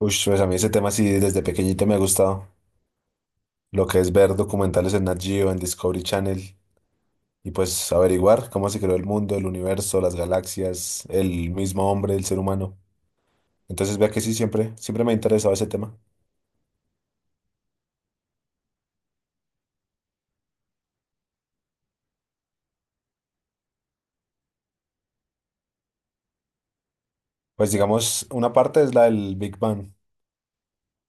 Uy, pues a mí ese tema sí desde pequeñito me ha gustado. Lo que es ver documentales en Nat Geo, en Discovery Channel y pues averiguar cómo se creó el mundo, el universo, las galaxias, el mismo hombre, el ser humano. Entonces vea que sí, siempre, siempre me ha interesado ese tema. Pues digamos, una parte es la del Big Bang,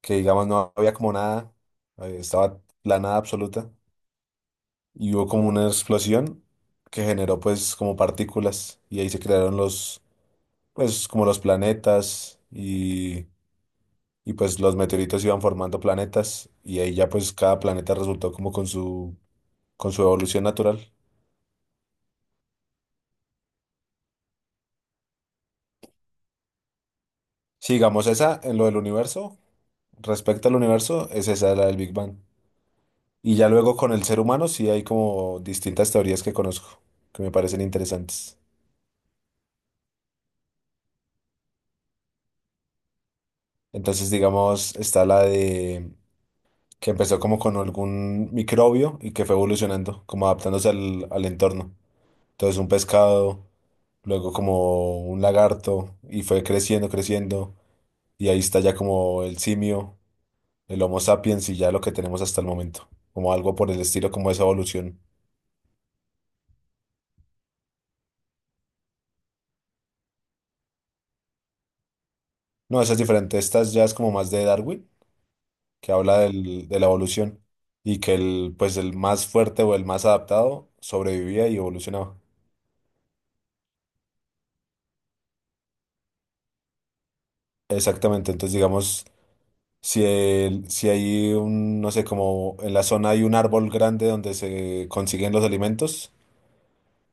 que digamos no había como nada, estaba la nada absoluta y hubo como una explosión que generó pues como partículas y ahí se crearon los, pues como los planetas y pues los meteoritos iban formando planetas y ahí ya pues cada planeta resultó como con su evolución natural. Sigamos esa en lo del universo, respecto al universo, es esa la del Big Bang. Y ya luego con el ser humano sí hay como distintas teorías que conozco, que me parecen interesantes. Entonces digamos está la de que empezó como con algún microbio y que fue evolucionando, como adaptándose al entorno. Entonces un pescado, luego como un lagarto y fue creciendo, creciendo. Y ahí está ya como el simio, el Homo sapiens y ya lo que tenemos hasta el momento. Como algo por el estilo, como esa evolución. No, esa es diferente. Ya es como más de Darwin, que habla de la evolución. Y que el, pues el más fuerte o el más adaptado sobrevivía y evolucionaba. Exactamente. Entonces, digamos, si, si hay un, no sé, como en la zona hay un árbol grande donde se consiguen los alimentos,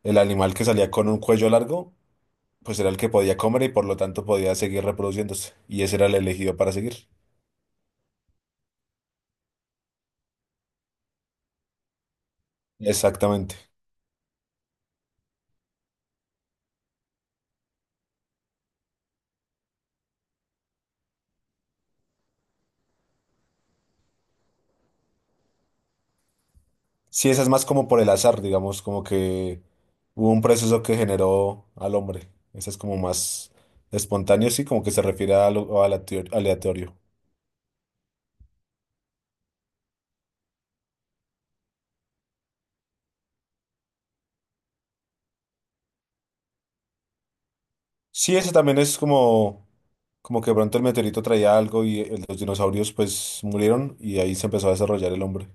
el animal que salía con un cuello largo pues era el que podía comer y por lo tanto podía seguir reproduciéndose. Y ese era el elegido para seguir. Exactamente. Sí, esa es más como por el azar, digamos, como que hubo un proceso que generó al hombre. Esa es como más espontáneo, sí, como que se refiere a lo a la aleatorio. Sí, ese también es como, como que de pronto el meteorito traía algo y los dinosaurios pues murieron y ahí se empezó a desarrollar el hombre.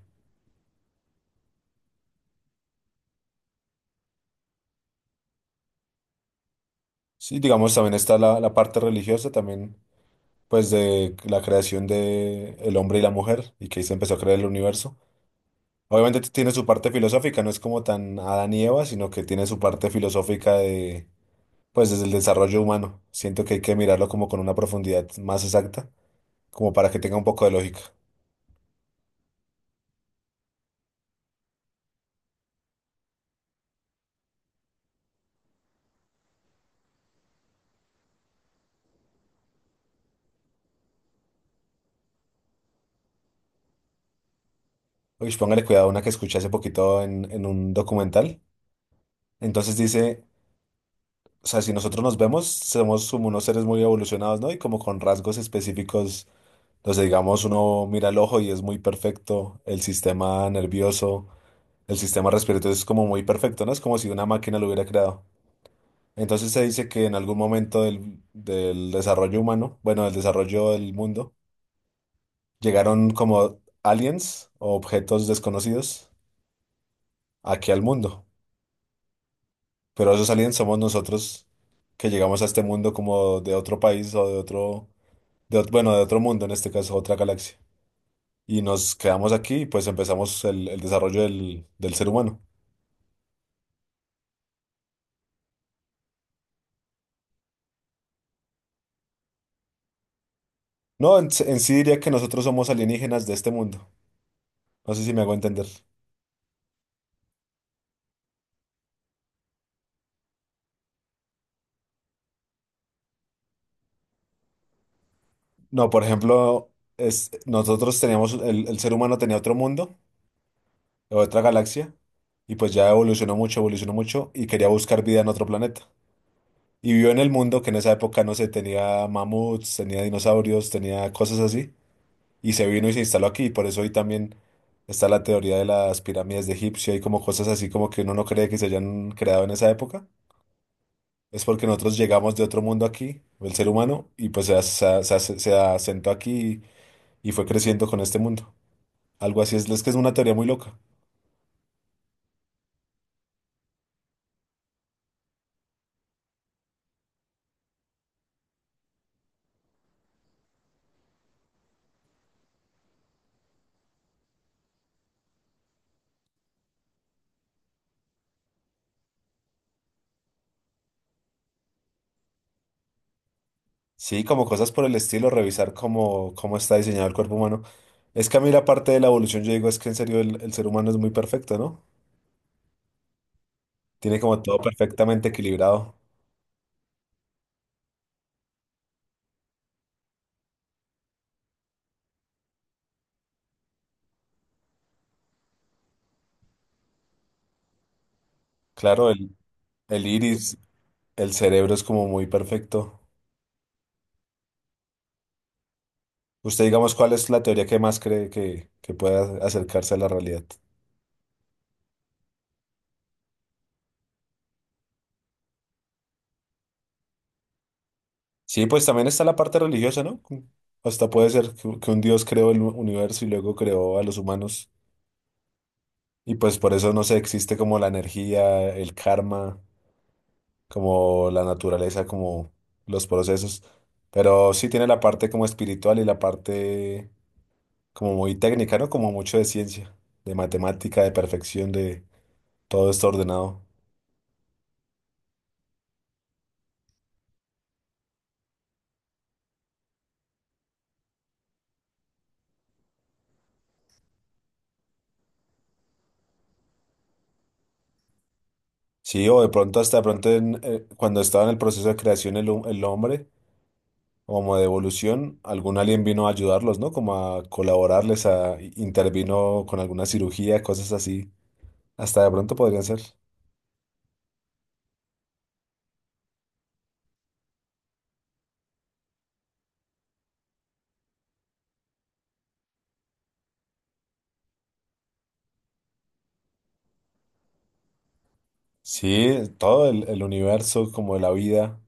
Sí, digamos, también está la, la parte religiosa, también pues de la creación de el hombre y la mujer y que ahí se empezó a crear el universo. Obviamente tiene su parte filosófica, no es como tan Adán y Eva, sino que tiene su parte filosófica de, pues desde el desarrollo humano. Siento que hay que mirarlo como con una profundidad más exacta, como para que tenga un poco de lógica. Uy, póngale cuidado a una que escuché hace poquito en un documental. Entonces dice, o sea, si nosotros nos vemos, somos como unos seres muy evolucionados, ¿no? Y como con rasgos específicos. Entonces, digamos, uno mira el ojo y es muy perfecto, el sistema nervioso, el sistema respiratorio es como muy perfecto, ¿no? Es como si una máquina lo hubiera creado. Entonces se dice que en algún momento del, del desarrollo humano, bueno, del desarrollo del mundo, llegaron como aliens o objetos desconocidos aquí al mundo. Pero esos aliens somos nosotros que llegamos a este mundo como de otro país o de otro, de, bueno, de otro mundo, en este caso, otra galaxia. Y nos quedamos aquí y pues empezamos el desarrollo del, del ser humano. No, en sí diría que nosotros somos alienígenas de este mundo. No sé si me hago entender. No, por ejemplo, es, nosotros teníamos, el ser humano tenía otro mundo, otra galaxia, y pues ya evolucionó mucho y quería buscar vida en otro planeta. Y vivió en el mundo que en esa época, no sé, tenía mamuts, tenía dinosaurios, tenía cosas así. Y se vino y se instaló aquí. Y por eso hoy también está la teoría de las pirámides de Egipcio y como cosas así como que uno no cree que se hayan creado en esa época. Es porque nosotros llegamos de otro mundo aquí, el ser humano, y pues se asentó aquí y fue creciendo con este mundo. Algo así es que es una teoría muy loca. Sí, como cosas por el estilo, revisar cómo, cómo está diseñado el cuerpo humano. Es que a mí la parte de la evolución, yo digo, es que en serio el ser humano es muy perfecto, ¿no? Tiene como todo perfectamente equilibrado. Claro, el iris, el cerebro es como muy perfecto. Usted, digamos, ¿cuál es la teoría que más cree que pueda acercarse a la realidad? Sí, pues también está la parte religiosa, ¿no? Como hasta puede ser que un Dios creó el universo y luego creó a los humanos. Y pues por eso no sé, existe como la energía, el karma, como la naturaleza, como los procesos. Pero sí tiene la parte como espiritual y la parte como muy técnica, ¿no? Como mucho de ciencia, de matemática, de perfección, de todo esto ordenado. Sí, o de pronto hasta de pronto en, cuando estaba en el proceso de creación el, el hombre, como de evolución, algún alien vino a ayudarlos, ¿no? Como a colaborarles, a intervino con alguna cirugía, cosas así. Hasta de pronto podrían ser. Sí, todo el universo, como la vida,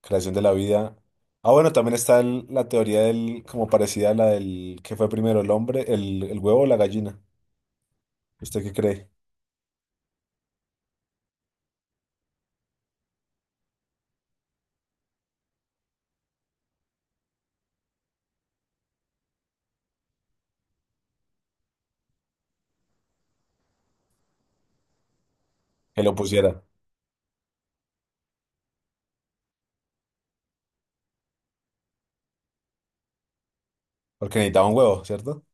creación de la vida. Ah, bueno, también está la teoría del, como parecida a la del que fue primero el hombre, el huevo o la gallina. ¿Usted qué cree? Que lo pusiera. Porque necesitaba un huevo, ¿cierto?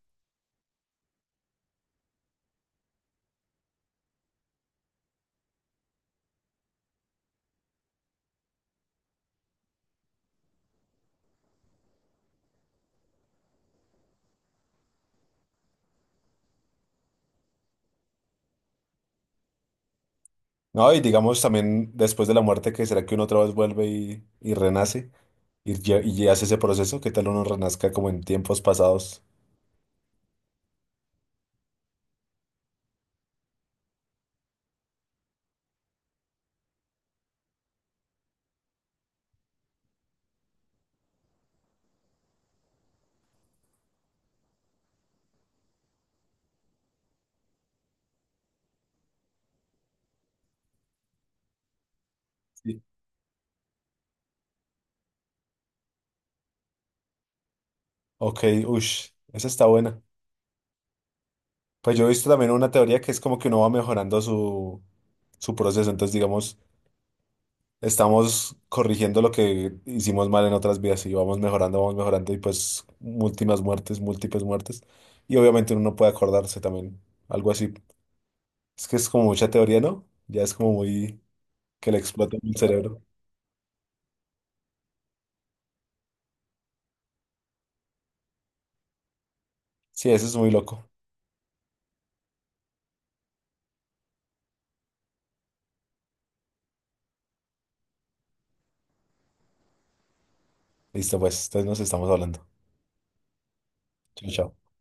No, y digamos también después de la muerte, que será que uno otra vez vuelve y renace y, y ya hace ese proceso, ¿qué tal uno renazca como en tiempos pasados? Sí. Ok, ush, esa está buena. Pues yo he visto también una teoría que es como que uno va mejorando su, su proceso, entonces digamos, estamos corrigiendo lo que hicimos mal en otras vidas y vamos mejorando y pues múltiples muertes, múltiples muertes. Y obviamente uno no puede acordarse también, algo así. Es que es como mucha teoría, ¿no? Ya es como muy... que le explota el cerebro. Sí, eso es muy loco. Listo, pues, entonces nos estamos hablando. Chao, chao.